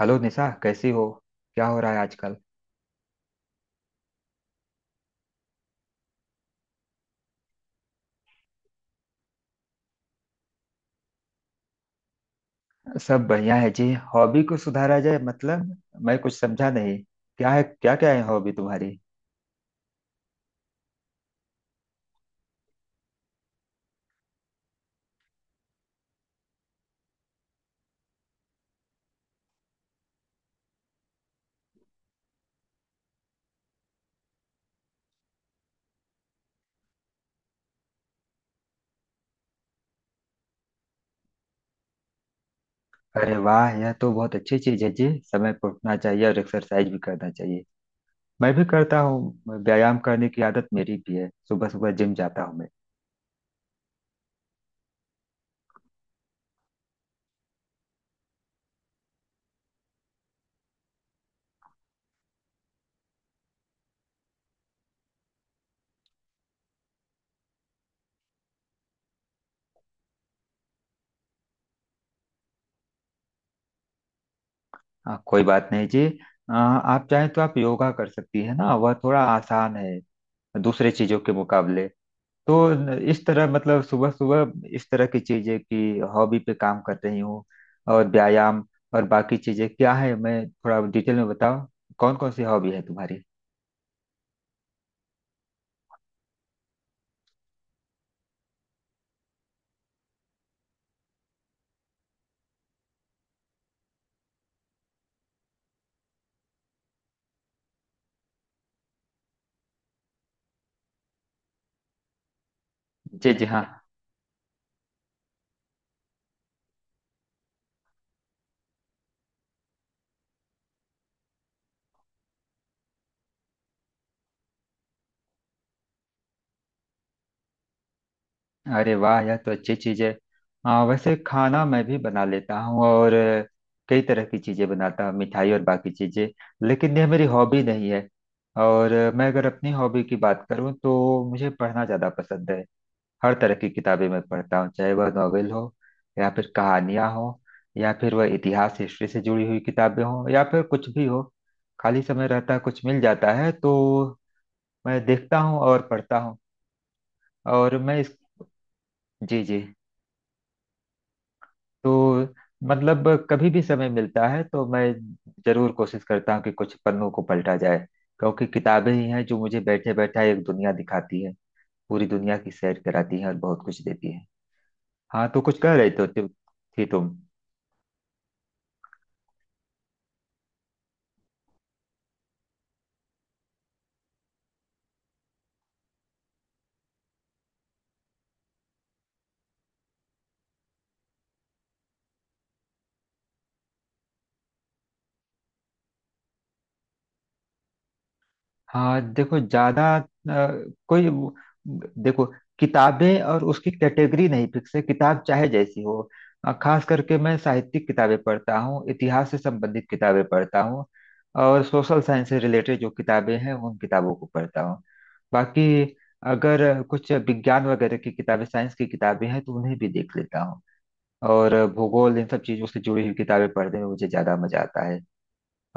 Hello Nisha कैसी हो। क्या हो रहा है आजकल। सब बढ़िया है जी। हॉबी को सुधारा जाए मतलब, मैं कुछ समझा नहीं। क्या है, क्या क्या है हॉबी तुम्हारी। अरे वाह, यह तो बहुत अच्छी चीज है जी, समय पर उठना चाहिए और एक्सरसाइज भी करना चाहिए। मैं भी करता हूँ, व्यायाम करने की आदत मेरी भी है, सुबह सुबह जिम जाता हूँ मैं। कोई बात नहीं जी। आप चाहें तो आप योगा कर सकती है ना, वह थोड़ा आसान है दूसरे चीजों के मुकाबले। तो इस तरह मतलब सुबह सुबह इस तरह की चीजें कि हॉबी पे काम कर रही हूँ और व्यायाम और बाकी चीजें क्या है, मैं थोड़ा डिटेल में बताओ। कौन कौन सी हॉबी है तुम्हारी। जी जी हाँ। अरे वाह, यह तो अच्छी चीज है। हाँ वैसे खाना मैं भी बना लेता हूँ, और कई तरह की चीजें बनाता हूँ, मिठाई और बाकी चीजें। लेकिन यह मेरी हॉबी नहीं है। और मैं अगर अपनी हॉबी की बात करूँ तो मुझे पढ़ना ज्यादा पसंद है। हर तरह की किताबें मैं पढ़ता हूँ, चाहे वह नॉवेल हो या फिर कहानियां हो या फिर वह इतिहास, हिस्ट्री से जुड़ी हुई किताबें हों, या फिर कुछ भी हो। खाली समय रहता है, कुछ मिल जाता है तो मैं देखता हूँ और पढ़ता हूँ। और मैं इस। जी जी। तो मतलब कभी भी समय मिलता है तो मैं जरूर कोशिश करता हूँ कि कुछ पन्नों को पलटा जाए, क्योंकि किताबें ही हैं जो मुझे बैठे बैठा एक दुनिया दिखाती है, पूरी दुनिया की सैर कराती है और बहुत कुछ देती है। हाँ तो कुछ कह रही तो थी तुम। हाँ देखो, ज्यादा कोई वो- देखो, किताबें और उसकी कैटेगरी नहीं फिक्स है, किताब चाहे जैसी हो। खास करके मैं साहित्यिक किताबें पढ़ता हूँ, इतिहास से संबंधित किताबें पढ़ता हूँ, और सोशल साइंस से रिलेटेड जो किताबें हैं उन किताबों को पढ़ता हूँ। बाकी अगर कुछ विज्ञान वगैरह की किताबें, साइंस की किताबें हैं तो उन्हें भी देख लेता हूँ। और भूगोल, इन सब चीजों से जुड़ी हुई किताबें पढ़ने में मुझे ज्यादा मजा आता है।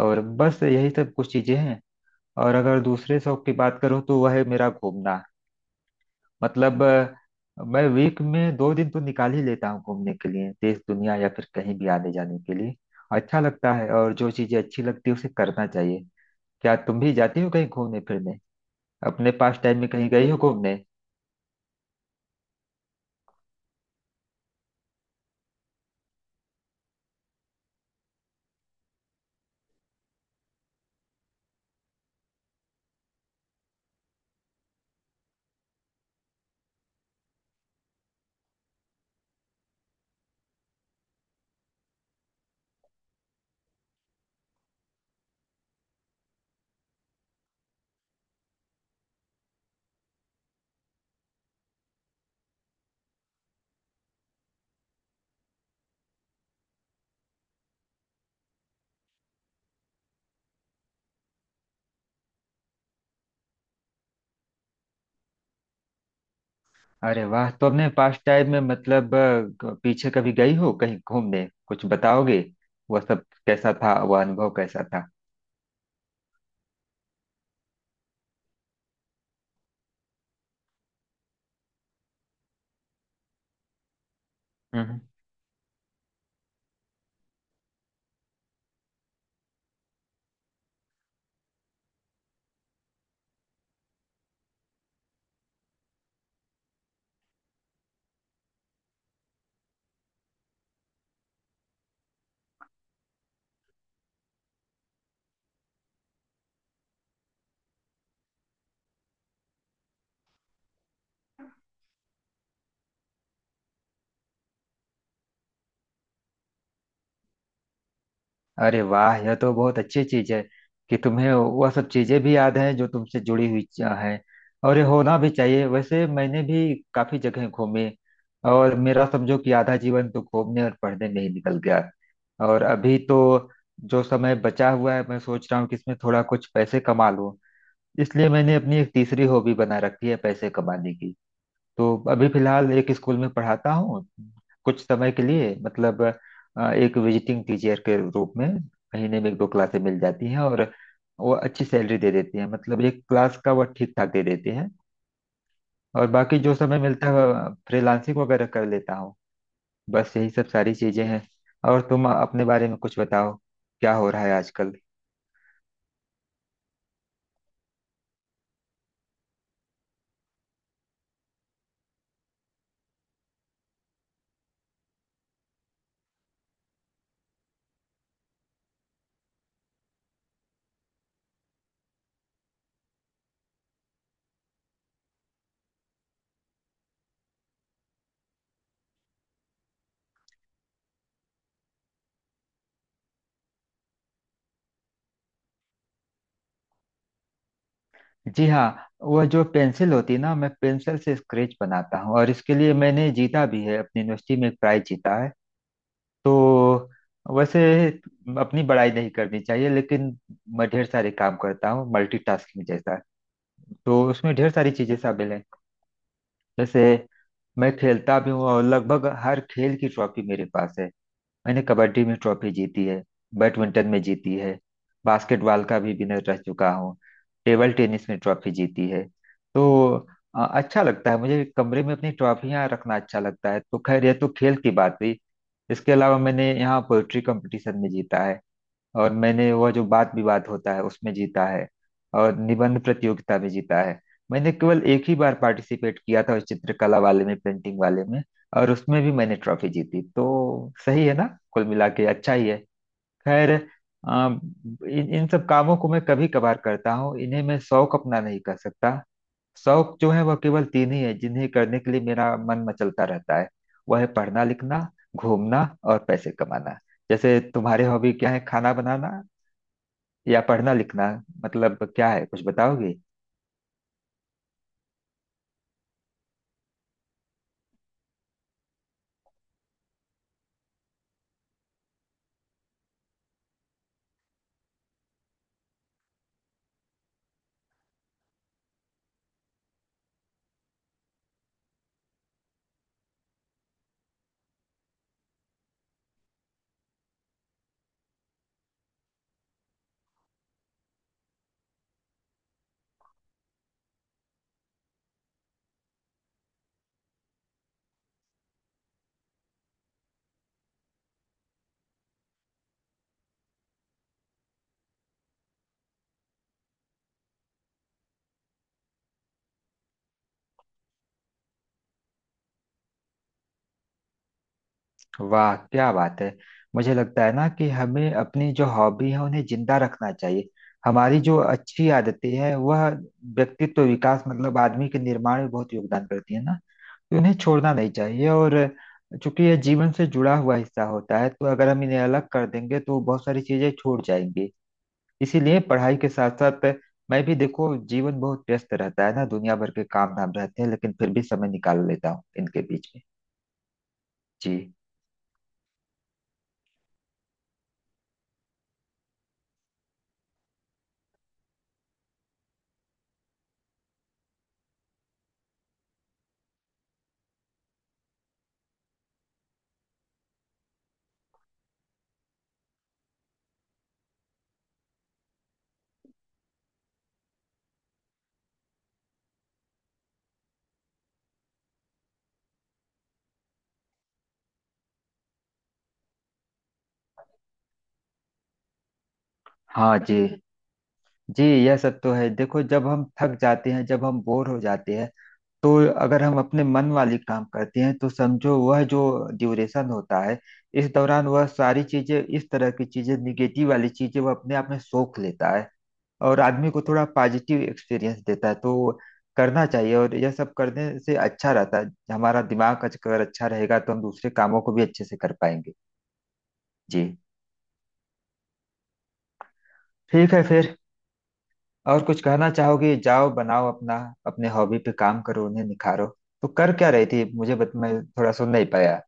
और बस यही सब कुछ चीजें हैं। और अगर दूसरे शौक की बात करूँ तो वह है मेरा घूमना। मतलब मैं वीक में दो दिन तो निकाल ही लेता हूँ घूमने के लिए, देश दुनिया या फिर कहीं भी आने जाने के लिए। अच्छा लगता है, और जो चीजें अच्छी लगती है उसे करना चाहिए। क्या तुम भी जाती हो कहीं घूमने फिरने, अपने पास टाइम में कहीं गई हो घूमने। अरे वाह, तो अपने पास टाइम में मतलब पीछे कभी गई हो कहीं घूमने, कुछ बताओगे। वह सब कैसा था, वह अनुभव कैसा था। हम्म। अरे वाह, यह तो बहुत अच्छी चीज है कि तुम्हें वह सब चीजें भी याद हैं जो तुमसे जुड़ी हुई हैं। और ये होना भी चाहिए। वैसे मैंने भी काफी जगह घूमी, और मेरा समझो कि आधा जीवन तो घूमने और पढ़ने में ही निकल गया। और अभी तो जो समय बचा हुआ है, मैं सोच रहा हूँ कि इसमें थोड़ा कुछ पैसे कमा लूं, इसलिए मैंने अपनी एक तीसरी हॉबी बना रखी है पैसे कमाने की। तो अभी फिलहाल एक स्कूल में पढ़ाता हूँ, कुछ समय के लिए मतलब एक विजिटिंग टीचर के रूप में। महीने में एक दो क्लासें मिल जाती हैं और वो अच्छी सैलरी दे देती है, मतलब एक क्लास का वो ठीक ठाक दे देते हैं। और बाकी जो समय मिलता है फ्रीलांसिंग वगैरह कर लेता हूँ। बस यही सब सारी चीजें हैं। और तुम अपने बारे में कुछ बताओ, क्या हो रहा है आजकल। जी हाँ। वह जो पेंसिल होती है ना, मैं पेंसिल से स्केच बनाता हूँ, और इसके लिए मैंने जीता भी है, अपनी यूनिवर्सिटी में एक प्राइज जीता है। तो वैसे अपनी बड़ाई नहीं करनी चाहिए लेकिन मैं ढेर सारे काम करता हूँ, मल्टीटास्किंग जैसा। तो उसमें ढेर सारी चीजें शामिल हैं। जैसे मैं खेलता भी हूँ, और लगभग हर खेल की ट्रॉफी मेरे पास है। मैंने कबड्डी में ट्रॉफी जीती है, बैडमिंटन में जीती है, बास्केटबॉल का भी विनर रह चुका हूँ, टेबल टेनिस में ट्रॉफी जीती है। तो अच्छा लगता है मुझे, कमरे में अपनी ट्रॉफियाँ रखना अच्छा लगता है। तो खैर यह तो खेल की बात हुई। इसके अलावा मैंने यहाँ पोएट्री कंपटीशन में जीता है, और मैंने वह जो वाद विवाद होता है उसमें जीता है, और निबंध प्रतियोगिता में जीता है। मैंने केवल एक ही बार पार्टिसिपेट किया था उस चित्रकला वाले में, पेंटिंग वाले में, और उसमें भी मैंने ट्रॉफी जीती, तो सही है ना, कुल मिला के अच्छा ही है। खैर, आ, इन इन सब कामों को मैं कभी कभार करता हूँ, इन्हें मैं शौक अपना नहीं कर सकता। शौक जो है वह केवल तीन ही है जिन्हें करने के लिए मेरा मन मचलता रहता है। वह है पढ़ना लिखना, घूमना, और पैसे कमाना। जैसे तुम्हारे हॉबी क्या है, खाना बनाना या पढ़ना लिखना, मतलब क्या है कुछ बताओगी। वाह क्या बात है। मुझे लगता है ना कि हमें अपनी जो हॉबी है उन्हें जिंदा रखना चाहिए। हमारी जो अच्छी आदतें हैं वह व्यक्तित्व विकास मतलब आदमी के निर्माण में बहुत योगदान करती है ना। तो इन्हें छोड़ना नहीं चाहिए, और चूंकि यह जीवन से जुड़ा हुआ हिस्सा होता है तो अगर हम इन्हें अलग कर देंगे तो बहुत सारी चीजें छूट जाएंगी। इसीलिए पढ़ाई के साथ साथ, मैं भी देखो जीवन बहुत व्यस्त रहता है ना, दुनिया भर के काम धाम रहते हैं, लेकिन फिर भी समय निकाल लेता हूँ इनके बीच में। जी हाँ। जी जी, यह सब तो है। देखो जब हम थक जाते हैं, जब हम बोर हो जाते हैं, तो अगर हम अपने मन वाली काम करते हैं तो समझो वह जो ड्यूरेशन होता है, इस दौरान वह सारी चीजें, इस तरह की चीजें, निगेटिव वाली चीजें वह अपने आप में सोख लेता है, और आदमी को थोड़ा पॉजिटिव एक्सपीरियंस देता है। तो करना चाहिए, और यह सब करने से अच्छा रहता है हमारा दिमाग, अगर अच्छा रहेगा तो हम दूसरे कामों को भी अच्छे से कर पाएंगे। जी। ठीक है फिर, और कुछ कहना चाहोगे, जाओ बनाओ अपना, अपने हॉबी पे काम करो, उन्हें निखारो। तो कर क्या रही थी मुझे मैं थोड़ा सुन नहीं पाया।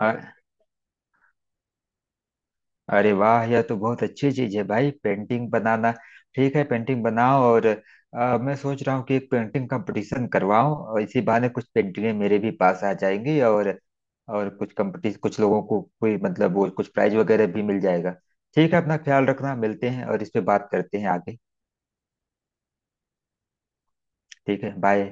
हाँ, अरे वाह यह तो बहुत अच्छी चीज है भाई, पेंटिंग बनाना। ठीक है, पेंटिंग बनाओ, और मैं सोच रहा हूँ कि एक पेंटिंग कंपटीशन करवाऊं, और इसी बहाने कुछ पेंटिंगें मेरे भी पास आ जाएंगी, और कुछ कंपटीशन, कुछ लोगों को कोई मतलब वो कुछ प्राइज वगैरह भी मिल जाएगा। ठीक है, अपना ख्याल रखना, मिलते हैं और इस पे बात करते हैं आगे। ठीक है, बाय।